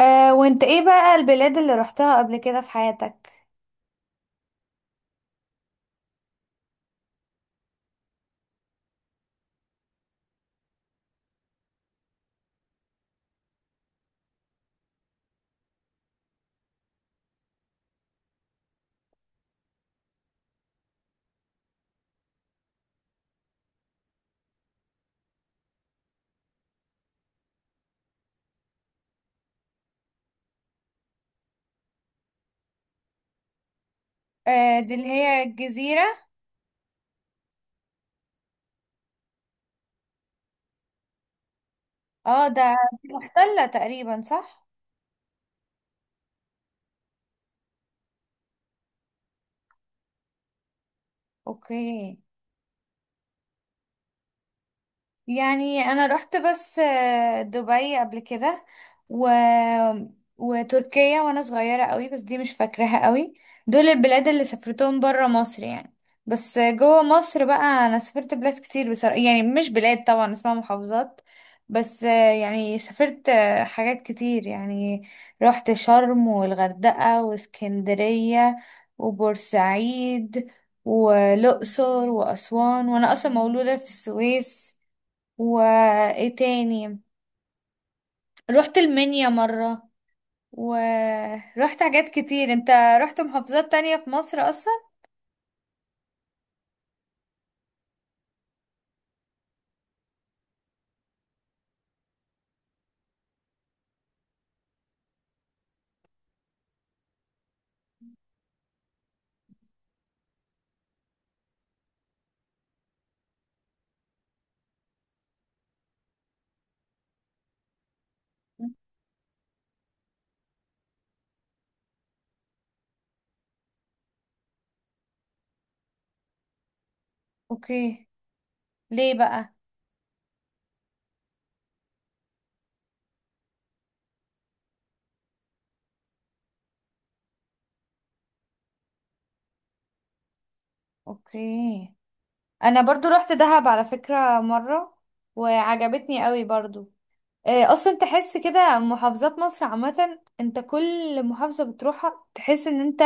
آه، وانت ايه بقى البلاد اللي رحتها قبل كده في حياتك؟ آه، دي اللي هي الجزيرة. اه ده تلة تقريبا، صح. اوكي. يعني انا رحت بس دبي قبل كده و... وتركيا وانا صغيرة قوي، بس دي مش فاكراها قوي. دول البلاد اللي سافرتهم برا مصر يعني. بس جوه مصر بقى انا سافرت بلاد كتير بصراحة، يعني مش بلاد طبعا، اسمها محافظات. بس يعني سافرت حاجات كتير يعني. رحت شرم والغردقة واسكندرية وبورسعيد والأقصر وأسوان، وأنا أصلا مولودة في السويس. وايه تاني، رحت المنيا مرة، ورحت حاجات كتير. انت رحت محافظات تانية في مصر اصلا؟ اوكي. ليه بقى؟ اوكي. انا برضو رحت دهب على فكرة مرة، وعجبتني قوي برضو. آه، اصلا تحس كده محافظات مصر عامة، انت كل محافظة بتروحها تحس ان انت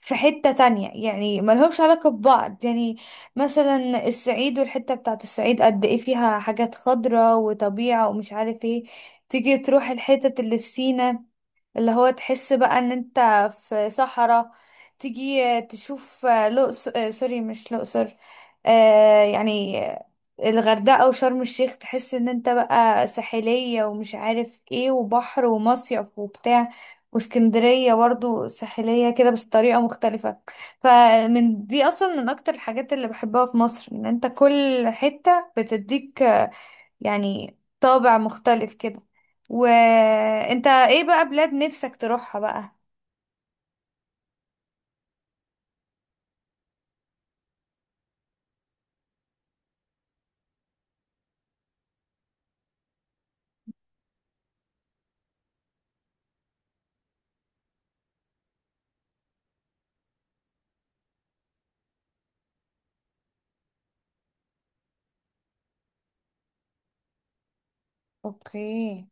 في حتة تانية يعني، ملهمش علاقة ببعض يعني. مثلا الصعيد والحتة بتاعت الصعيد قد ايه فيها حاجات خضرة وطبيعة ومش عارف ايه. تيجي تروح الحتة اللي في سينا، اللي هو تحس بقى ان انت في صحراء. تيجي تشوف لقص آه، سوري مش الأقصر، آه يعني الغردقة وشرم الشيخ، تحس ان انت بقى ساحلية ومش عارف ايه، وبحر ومصيف وبتاع. واسكندرية برضو ساحلية كده بس طريقة مختلفة. فمن دي اصلا من اكتر الحاجات اللي بحبها في مصر، ان انت كل حتة بتديك يعني طابع مختلف كده. وانت ايه بقى بلاد نفسك تروحها بقى؟ اوكي.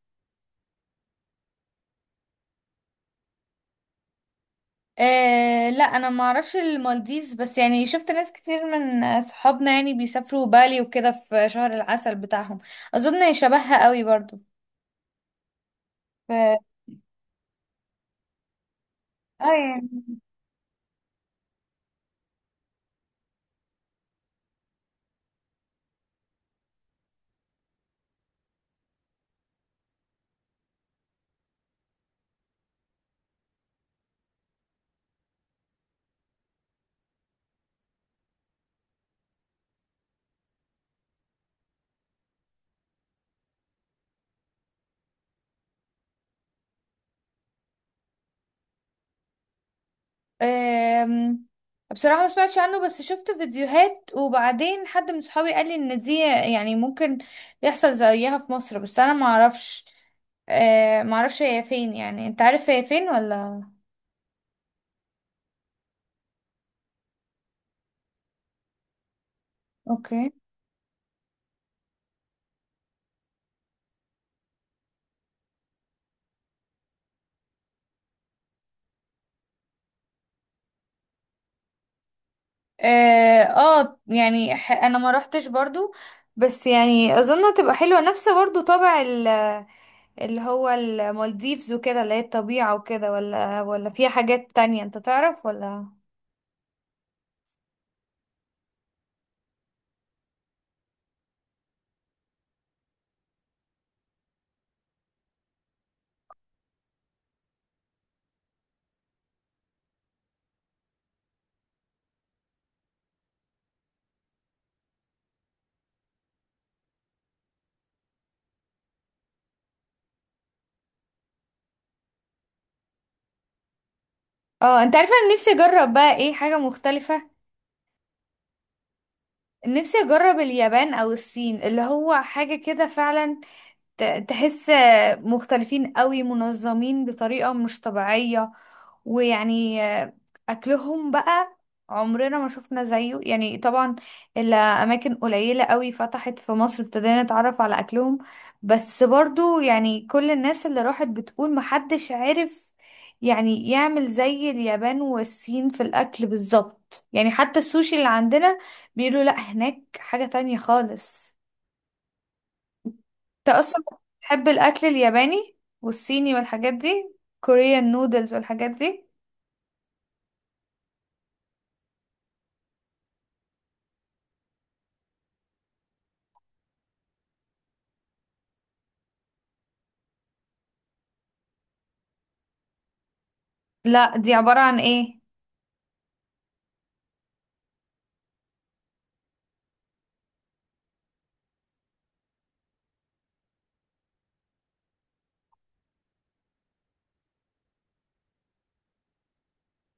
آه لا، انا ما اعرفش المالديفز، بس يعني شفت ناس كتير من صحابنا يعني بيسافروا بالي وكده في شهر العسل بتاعهم. اظن شبهها قوي برضو. ف اه. أم، بصراحة ما سمعتش عنه، بس شفت فيديوهات، وبعدين حد من صحابي قال لي ان دي يعني ممكن يحصل زيها في مصر، بس انا ما اعرفش. ما اعرفش هي فين، يعني انت عارف هي فين ولا؟ اوكي. اه. انا ما روحتش برضو، بس يعني اظن هتبقى حلوة، نفس برضو طابع اللي هو المالديفز وكده، اللي هي الطبيعة وكده، ولا ولا فيها حاجات تانية انت تعرف، ولا؟ اه انت عارفة، انا نفسي اجرب بقى ايه حاجة مختلفة. نفسي اجرب اليابان او الصين، اللي هو حاجة كده فعلا تحس مختلفين قوي، منظمين بطريقة مش طبيعية. ويعني أكلهم بقى عمرنا ما شفنا زيه يعني طبعا، إلا أماكن قليلة قوي فتحت في مصر ابتدينا نتعرف على أكلهم. بس برضو يعني كل الناس اللي راحت بتقول محدش عارف يعني يعمل زي اليابان والصين في الأكل بالظبط يعني، حتى السوشي اللي عندنا بيقولوا لأ، هناك حاجة تانية خالص. انت اصلا بتحب الاكل الياباني والصيني والحاجات دي، كوريان نودلز والحاجات دي؟ لا، دي عبارة عن ايه؟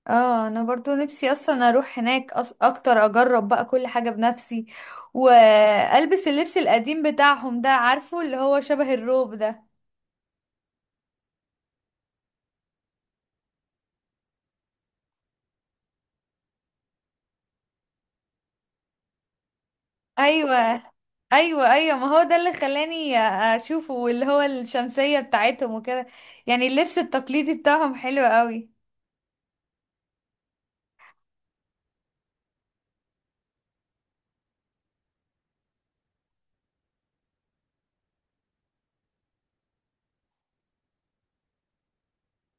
اه انا برضو نفسي اصلا اروح هناك، اكتر اجرب بقى كل حاجة بنفسي، والبس اللبس القديم بتاعهم ده، عارفه اللي هو شبه الروب ده. ايوه، ايوه. ايوه، ما هو ده اللي خلاني اشوفه، واللي هو الشمسية بتاعتهم وكده. يعني اللبس التقليدي بتاعهم حلو قوي.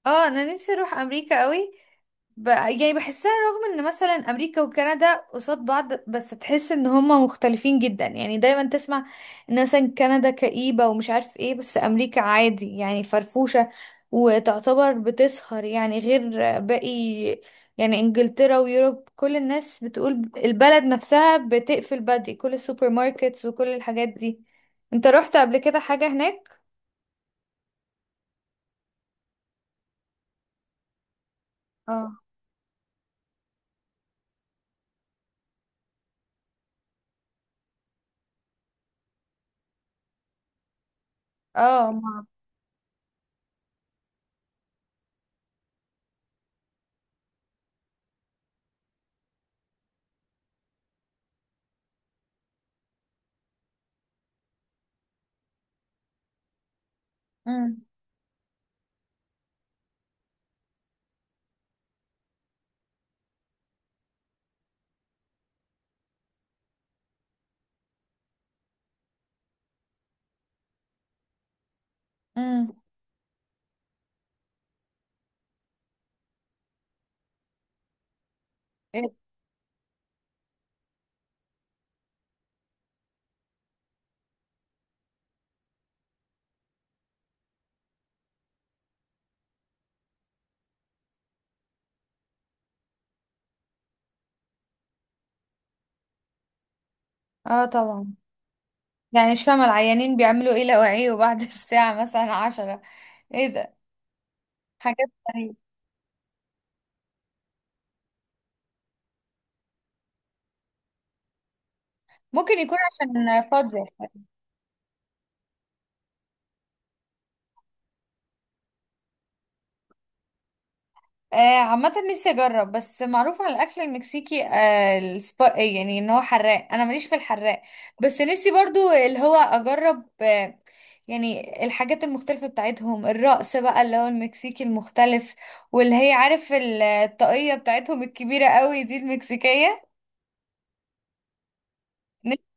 اه انا نفسي اروح امريكا قوي. يعني بحسها رغم ان مثلا امريكا وكندا قصاد بعض، بس تحس ان هما مختلفين جدا يعني. دايما تسمع ان مثلا كندا كئيبة ومش عارف ايه، بس امريكا عادي يعني فرفوشة، وتعتبر بتسهر يعني، غير باقي يعني انجلترا ويوروب، كل الناس بتقول البلد نفسها بتقفل بدري، كل السوبر ماركتس وكل الحاجات دي. انت رحت قبل كده حاجة هناك؟ اه. اه. ما. امم. امم. اه طبعا. يعني مش فاهمة العيانين بيعملوا ايه لو عيوا بعد الساعة مثلا عشرة. ايه ده، حاجات غريبة. ممكن يكون عشان فاضي. آه عامة نفسي اجرب، بس معروف عن الاكل المكسيكي آه السبا إيه يعني ان هو حراق، انا ماليش في الحراق. بس نفسي برضو اللي هو اجرب آه، يعني الحاجات المختلفة بتاعتهم، الرقص بقى اللي هو المكسيكي المختلف، واللي هي عارف الطاقية بتاعتهم الكبيرة قوي دي، المكسيكية. نفسي-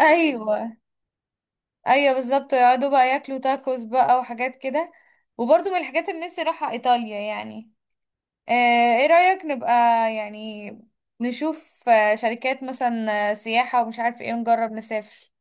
ايوه، ايوه بالظبط، ويقعدوا بقى ياكلوا تاكوس بقى وحاجات كده. وبرضه من الحاجات اللي نفسي اروحها ايطاليا يعني. آه، ايه رأيك نبقى يعني نشوف شركات مثلا سياحة ومش عارف ايه، نجرب نسافر.